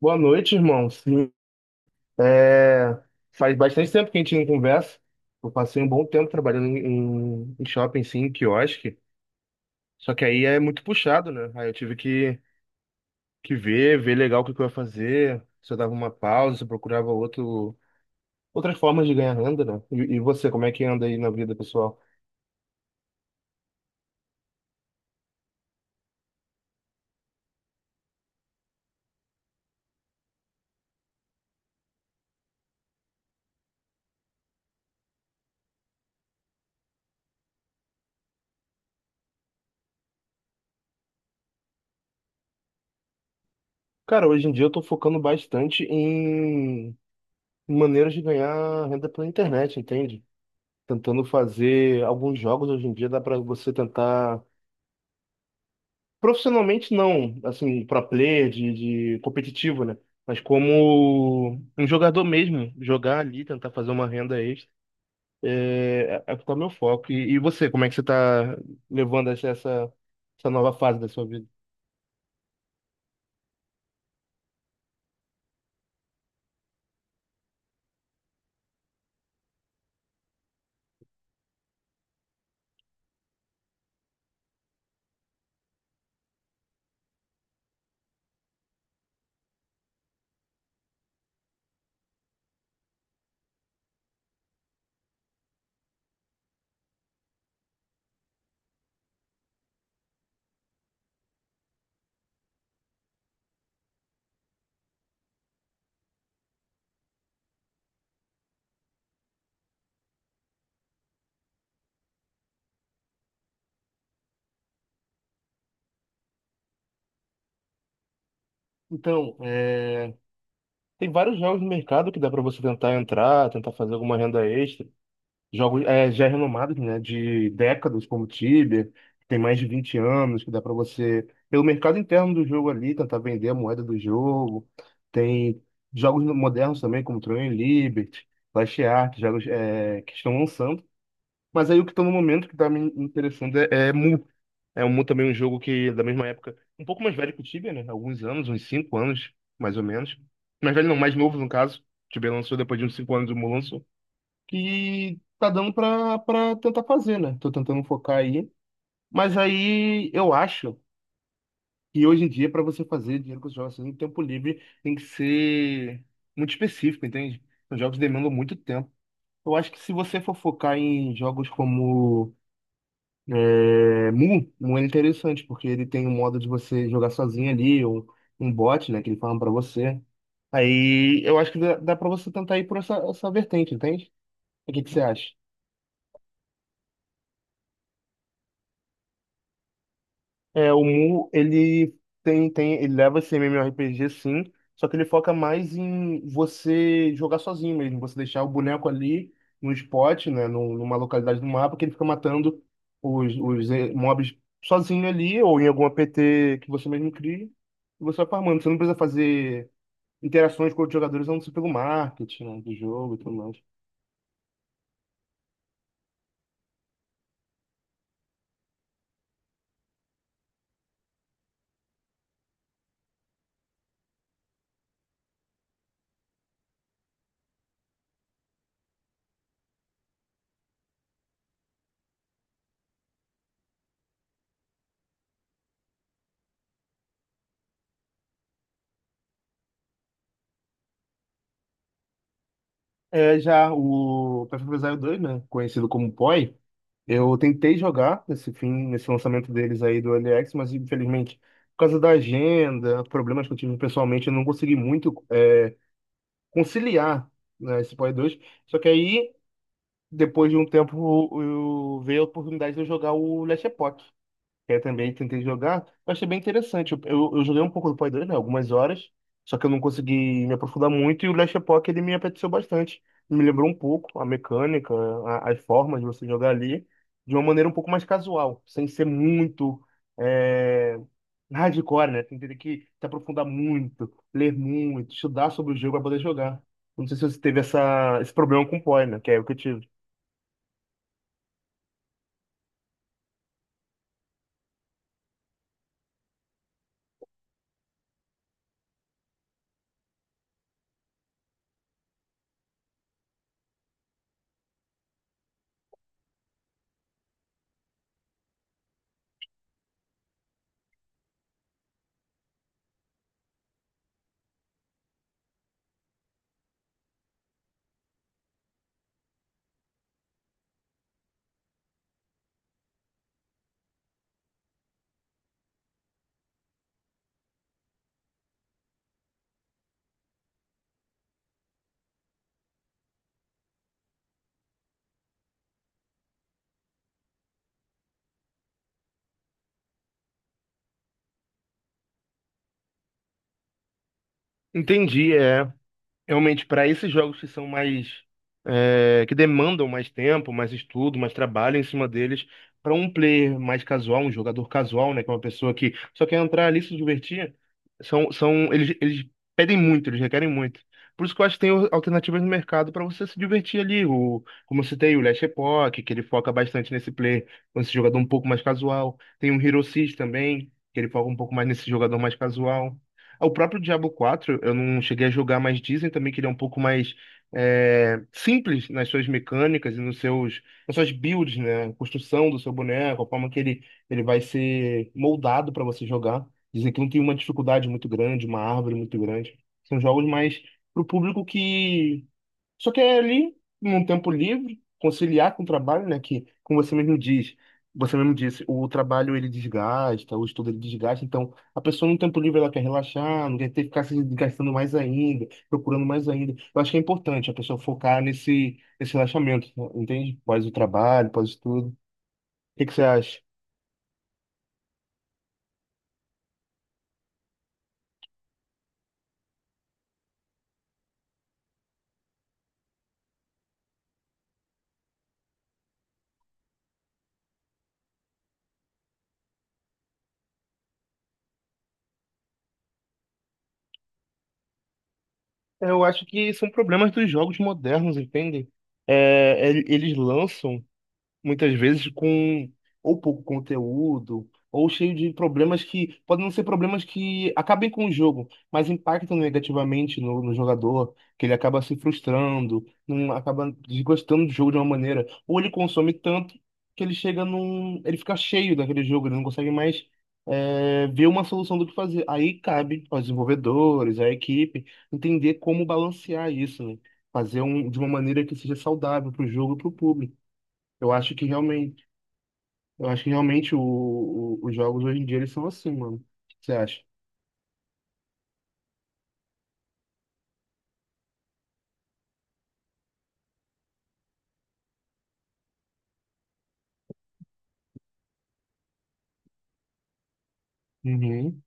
Boa noite, irmão. Sim, é, faz bastante tempo que a gente não conversa. Eu passei um bom tempo trabalhando em shopping, sim, em quiosque. Só que aí é muito puxado, né? Aí eu tive que ver legal o que que eu ia fazer. Se eu dava uma pausa, se eu procurava outras formas de ganhar renda, né? E você, como é que anda aí na vida pessoal? Cara, hoje em dia eu tô focando bastante em maneiras de ganhar renda pela internet, entende? Tentando fazer alguns jogos hoje em dia, dá pra você tentar profissionalmente não, assim, pro player de competitivo, né? Mas como um jogador mesmo, jogar ali, tentar fazer uma renda extra, é o tá meu foco. E você, como é que você tá levando essa nova fase da sua vida? Então, é, tem vários jogos no mercado que dá para você tentar entrar, tentar fazer alguma renda extra. Jogos é, já renomados, né? De décadas, como Tibia, que tem mais de 20 anos, que dá para você, pelo mercado interno do jogo ali, tentar vender a moeda do jogo. Tem jogos modernos também, como Tron e Liberty, Last Ark, jogos é, que estão lançando. Mas aí o que está no momento que está me interessando é Mu. É, o Mu também é um jogo que, da mesma época, um pouco mais velho que o Tibia, né? Alguns anos, uns 5 anos, mais ou menos. Mais velho não, mais novo no caso. O Tibia lançou depois de uns 5 anos, o Mu lançou que tá dando pra tentar fazer, né? Tô tentando focar aí. Mas aí eu acho que hoje em dia, pra você fazer dinheiro com os jogos assim, no tempo livre, tem que ser muito específico, entende? Os jogos demandam muito tempo. Eu acho que se você for focar em jogos como é, Mu é interessante, porque ele tem um modo de você jogar sozinho ali, ou um bot, né, que ele fala pra você. Aí eu acho que dá pra você tentar ir por essa vertente, entende? O que que você acha? É, o Mu, ele tem, ele leva esse MMORPG sim, só que ele foca mais em você jogar sozinho mesmo, você deixar o boneco ali no spot, né, numa localidade do mapa, que ele fica matando os mobs sozinho ali, ou em algum APT que você mesmo cria, e você vai farmando. Você não precisa fazer interações com outros jogadores, a não ser pelo marketing, né, do jogo e tudo mais. É, já o Path of Exile 2, né, conhecido como PoE, eu tentei jogar nesse fim, nesse lançamento deles aí do LX, mas infelizmente, por causa da agenda, problemas que eu tive pessoalmente, eu não consegui muito é, conciliar, né, esse Play 2. Só que aí, depois de um tempo, eu veio a oportunidade de eu jogar o Last Epoch. Eu também tentei jogar, eu achei bem interessante. Eu joguei um pouco do Play 2, né, algumas horas, só que eu não consegui me aprofundar muito e o Last Epoch ele me apeteceu bastante. Me lembrou um pouco a mecânica, as formas de você jogar ali, de uma maneira um pouco mais casual, sem ser muito é, hardcore, né? Tem que ter que se aprofundar muito, ler muito, estudar sobre o jogo para poder jogar. Não sei se você teve esse problema com o Poi, né? Que é o que eu tive. Entendi, é. Realmente, para esses jogos que são mais, é, que demandam mais tempo, mais estudo, mais trabalho em cima deles, para um player mais casual, um jogador casual, né? Que é uma pessoa que só quer entrar ali e se divertir, são, eles pedem muito, eles requerem muito. Por isso que eu acho que tem alternativas no mercado para você se divertir ali. O, como eu citei, o Last Epoch, que ele foca bastante nesse player, nesse jogador um pouco mais casual. Tem o Hero Six também, que ele foca um pouco mais nesse jogador mais casual. É, o próprio Diablo 4, eu não cheguei a jogar, mas dizem também que ele é um pouco mais é, simples nas suas mecânicas e nos nas suas builds, né? A construção do seu boneco, a forma que ele vai ser moldado para você jogar. Dizem que não tem uma dificuldade muito grande, uma árvore muito grande. São jogos mais pro público que só que é ali, num tempo livre, conciliar com o trabalho, né? Que, como você mesmo diz, você mesmo disse, o trabalho ele desgasta, o estudo ele desgasta. Então, a pessoa no tempo livre ela quer relaxar, não quer ter que ficar se desgastando mais ainda, procurando mais ainda. Eu acho que é importante a pessoa focar nesse relaxamento, né, entende? Pós o trabalho, pós o estudo. O que que você acha? Eu acho que são problemas dos jogos modernos, entende? É, eles lançam muitas vezes com ou pouco conteúdo, ou cheio de problemas que podem não ser problemas que acabem com o jogo, mas impactam negativamente no jogador, que ele acaba se frustrando, não acaba desgostando do jogo de uma maneira, ou ele consome tanto que ele chega num, ele fica cheio daquele jogo, ele não consegue mais é, ver uma solução do que fazer. Aí cabe aos desenvolvedores, à equipe, entender como balancear isso, né? Fazer um, de uma maneira que seja saudável para o jogo e para o público. Eu acho que realmente, eu acho que realmente os jogos hoje em dia eles são assim, mano. O que você acha? Uhum.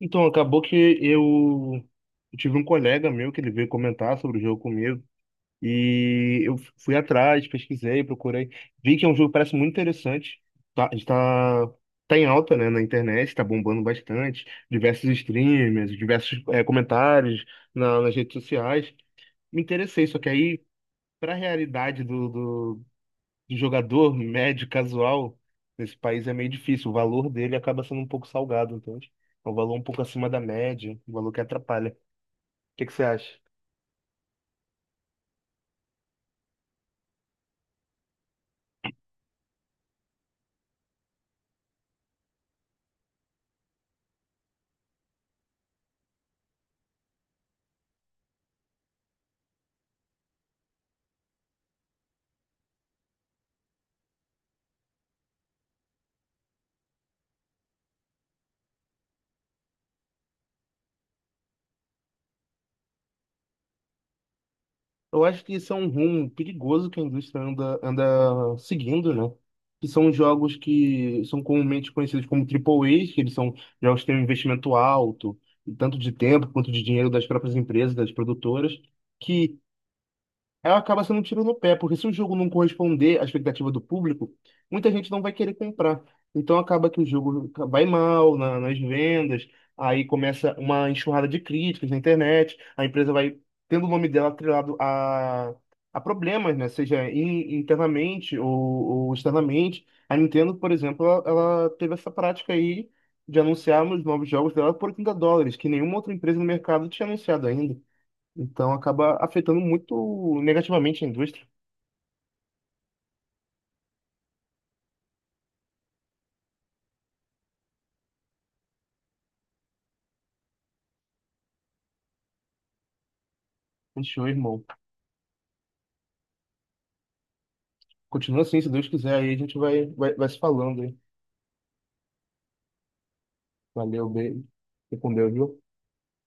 Então, acabou que eu, eu tive um colega meu que ele veio comentar sobre o jogo comigo. E eu fui atrás, pesquisei, procurei. Vi que é um jogo que parece muito interessante. Tá, está, tá tá em alta, né, na internet, está bombando bastante. Diversos streamers, diversos comentários nas redes sociais. Me interessei, só que aí, para a realidade do jogador médio, casual, nesse país é meio difícil. O valor dele acaba sendo um pouco salgado, entende? É um valor um pouco acima da média, um valor que atrapalha. O que que você acha? Eu acho que isso é um rumo perigoso que a indústria anda seguindo, né? Que são jogos que são comumente conhecidos como AAAs, que eles são jogos que têm um investimento alto, tanto de tempo quanto de dinheiro das próprias empresas, das produtoras, que ela acaba sendo um tiro no pé, porque se o jogo não corresponder à expectativa do público, muita gente não vai querer comprar. Então acaba que o jogo vai mal nas vendas, aí começa uma enxurrada de críticas na internet, a empresa vai tendo o nome dela atrelado a problemas, né? Seja internamente ou externamente. A Nintendo, por exemplo, ela teve essa prática aí de anunciar os novos jogos dela por 30 dólares, que nenhuma outra empresa no mercado tinha anunciado ainda. Então acaba afetando muito negativamente a indústria. Continua, irmão. Continua assim, se Deus quiser, aí a gente vai se falando, hein? Valeu, beijo. Fique com Deus, viu?